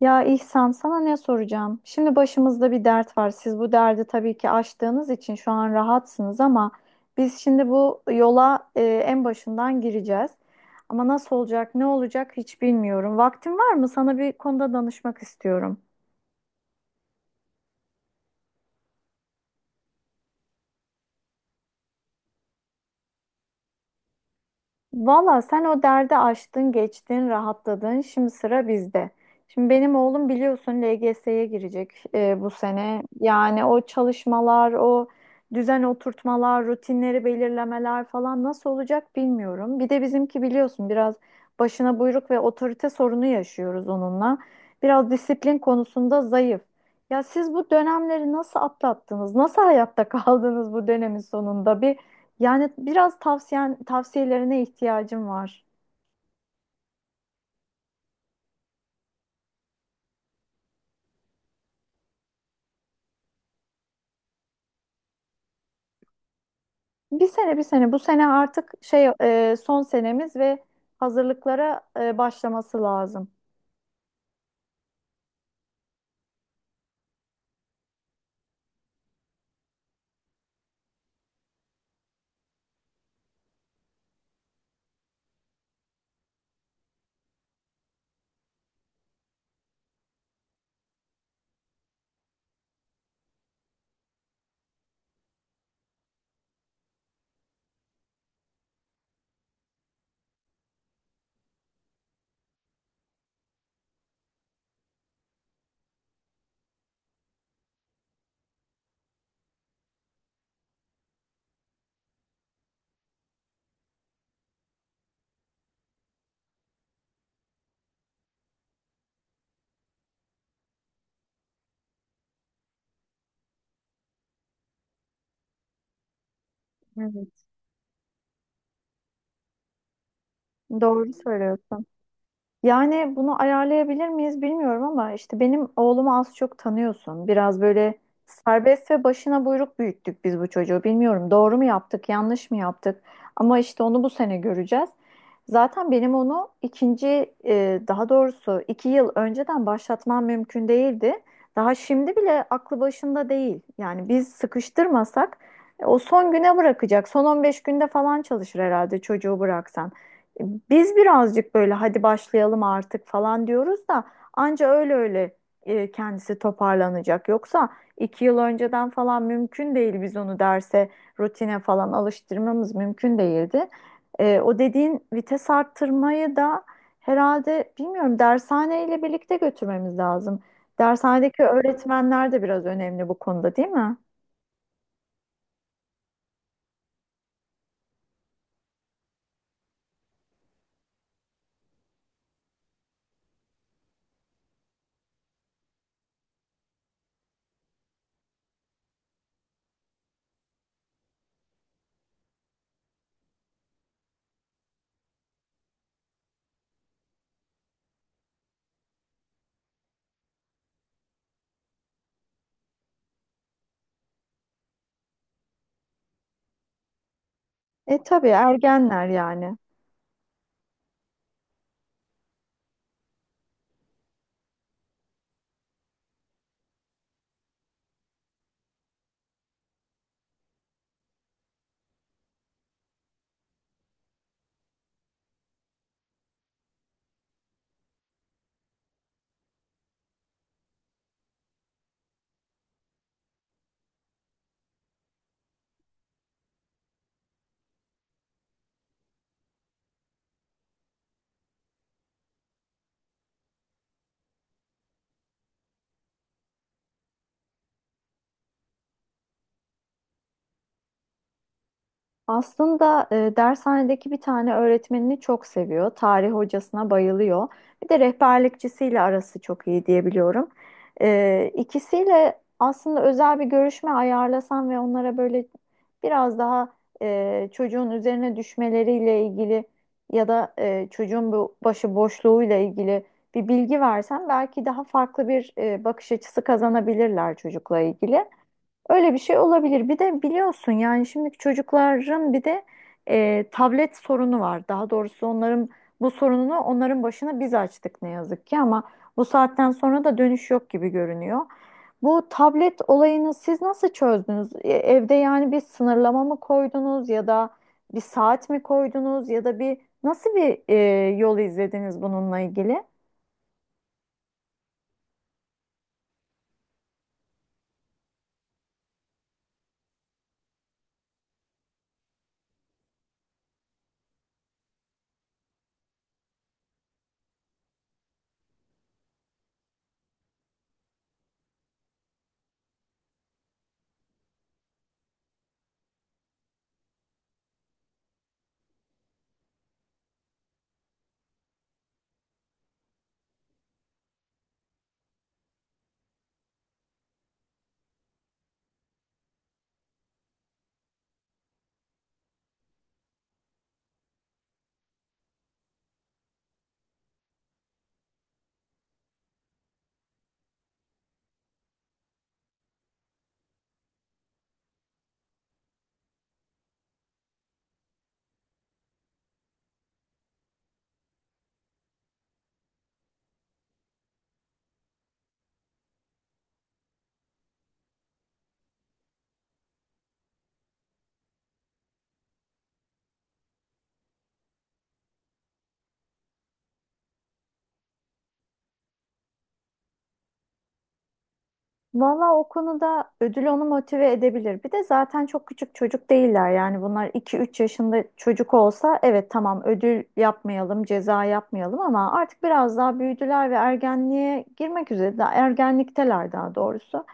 Ya İhsan sana ne soracağım? Şimdi başımızda bir dert var. Siz bu derdi tabii ki aştığınız için şu an rahatsınız ama biz şimdi bu yola en başından gireceğiz. Ama nasıl olacak, ne olacak hiç bilmiyorum. Vaktin var mı? Sana bir konuda danışmak istiyorum. Valla sen o derdi aştın, geçtin, rahatladın. Şimdi sıra bizde. Şimdi benim oğlum biliyorsun LGS'ye girecek bu sene. Yani o çalışmalar, o düzen oturtmalar, rutinleri belirlemeler falan nasıl olacak bilmiyorum. Bir de bizimki biliyorsun biraz başına buyruk ve otorite sorunu yaşıyoruz onunla. Biraz disiplin konusunda zayıf. Ya siz bu dönemleri nasıl atlattınız? Nasıl hayatta kaldınız bu dönemin sonunda? Yani biraz tavsiyelerine ihtiyacım var. Bir sene, bu sene artık şey, son senemiz ve hazırlıklara başlaması lazım. Evet. Doğru söylüyorsun. Yani bunu ayarlayabilir miyiz bilmiyorum ama işte benim oğlumu az çok tanıyorsun. Biraz böyle serbest ve başına buyruk büyüttük biz bu çocuğu. Bilmiyorum doğru mu yaptık, yanlış mı yaptık? Ama işte onu bu sene göreceğiz. Zaten benim onu daha doğrusu iki yıl önceden başlatmam mümkün değildi. Daha şimdi bile aklı başında değil. Yani biz sıkıştırmasak o son güne bırakacak. Son 15 günde falan çalışır herhalde çocuğu bıraksan. Biz birazcık böyle hadi başlayalım artık falan diyoruz da anca öyle öyle kendisi toparlanacak. Yoksa iki yıl önceden falan mümkün değil biz onu derse rutine falan alıştırmamız mümkün değildi. O dediğin vites arttırmayı da herhalde bilmiyorum dershaneyle birlikte götürmemiz lazım. Dershanedeki öğretmenler de biraz önemli bu konuda değil mi? Tabii ergenler yani. Aslında dershanedeki bir tane öğretmenini çok seviyor. Tarih hocasına bayılıyor. Bir de rehberlikçisiyle arası çok iyi diyebiliyorum. E, ikisiyle aslında özel bir görüşme ayarlasam ve onlara böyle biraz daha çocuğun üzerine düşmeleriyle ilgili ya da çocuğun bu başı boşluğuyla ilgili bir bilgi versem belki daha farklı bir bakış açısı kazanabilirler çocukla ilgili. Öyle bir şey olabilir. Bir de biliyorsun yani şimdiki çocukların bir de tablet sorunu var. Daha doğrusu onların bu sorununu onların başına biz açtık ne yazık ki ama bu saatten sonra da dönüş yok gibi görünüyor. Bu tablet olayını siz nasıl çözdünüz? Evde yani bir sınırlama mı koydunuz ya da bir saat mi koydunuz ya da nasıl bir yol izlediniz bununla ilgili? Valla o konuda ödül onu motive edebilir. Bir de zaten çok küçük çocuk değiller. Yani bunlar iki üç yaşında çocuk olsa evet tamam ödül yapmayalım, ceza yapmayalım ama artık biraz daha büyüdüler ve ergenliğe girmek üzere. Daha ergenlikteler daha doğrusu.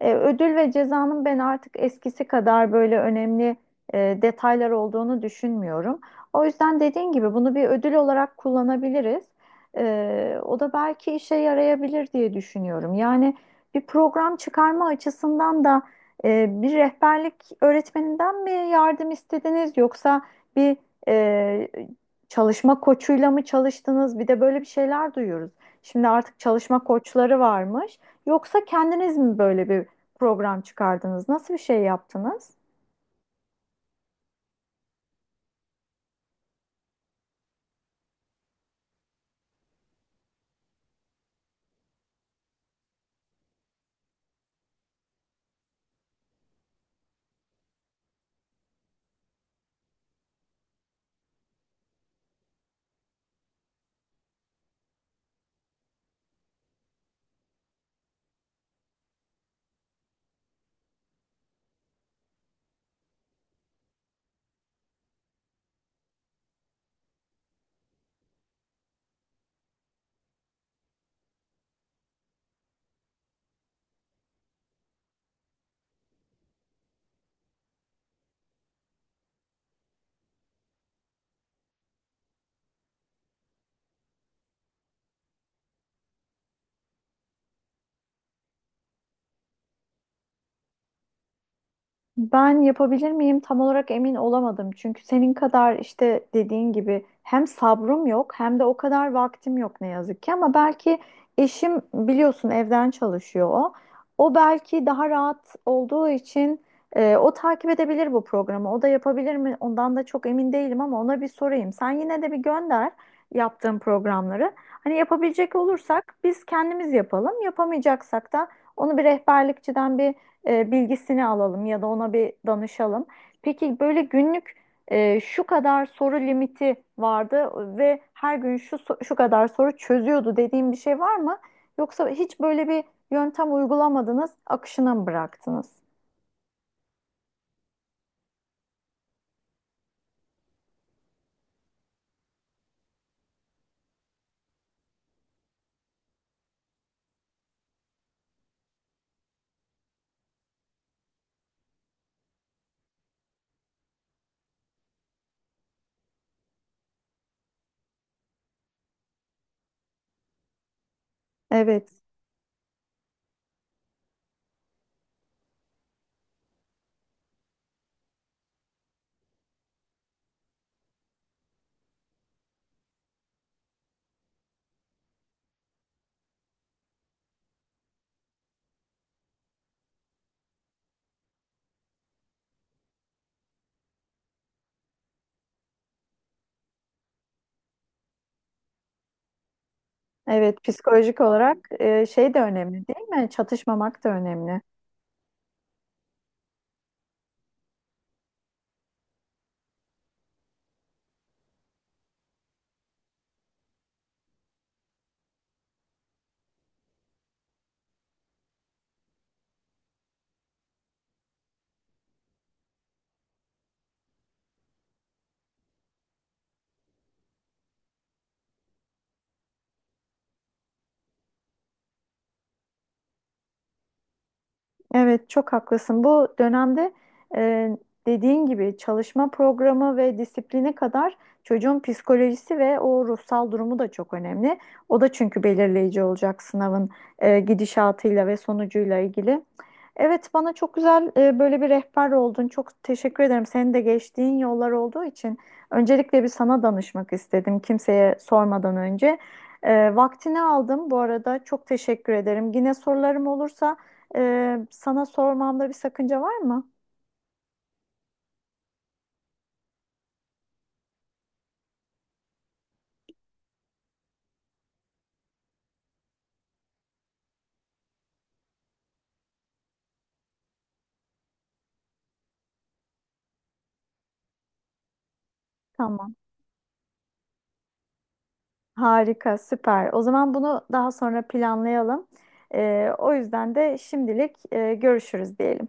Ödül ve cezanın ben artık eskisi kadar böyle önemli detaylar olduğunu düşünmüyorum. O yüzden dediğin gibi bunu bir ödül olarak kullanabiliriz. O da belki işe yarayabilir diye düşünüyorum. Yani bir program çıkarma açısından da bir rehberlik öğretmeninden mi yardım istediniz yoksa bir e, çalışma koçuyla mı çalıştınız? Bir de böyle bir şeyler duyuyoruz. Şimdi artık çalışma koçları varmış. Yoksa kendiniz mi böyle bir program çıkardınız? Nasıl bir şey yaptınız? Ben yapabilir miyim tam olarak emin olamadım. Çünkü senin kadar işte dediğin gibi hem sabrım yok hem de o kadar vaktim yok ne yazık ki. Ama belki eşim biliyorsun evden çalışıyor o. O belki daha rahat olduğu için o takip edebilir bu programı. O da yapabilir mi? Ondan da çok emin değilim ama ona bir sorayım. Sen yine de bir gönder yaptığın programları. Hani yapabilecek olursak biz kendimiz yapalım. Yapamayacaksak da onu bir rehberlikçiden bir bilgisini alalım ya da ona bir danışalım. Peki böyle günlük şu kadar soru limiti vardı ve her gün şu kadar soru çözüyordu dediğim bir şey var mı? Yoksa hiç böyle bir yöntem uygulamadınız, akışına mı bıraktınız? Evet, evet, psikolojik olarak şey de önemli değil mi? Çatışmamak da önemli. Evet, çok haklısın. Bu dönemde e, dediğin gibi çalışma programı ve disipline kadar çocuğun psikolojisi ve o ruhsal durumu da çok önemli. O da çünkü belirleyici olacak sınavın gidişatıyla ve sonucuyla ilgili. Evet, bana çok güzel böyle bir rehber oldun. Çok teşekkür ederim. Senin de geçtiğin yollar olduğu için öncelikle bir sana danışmak istedim kimseye sormadan önce. Vaktini aldım bu arada. Çok teşekkür ederim. Yine sorularım olursa sana sormamda bir sakınca var mı? Tamam. Harika, süper. O zaman bunu daha sonra planlayalım. O yüzden de şimdilik görüşürüz diyelim.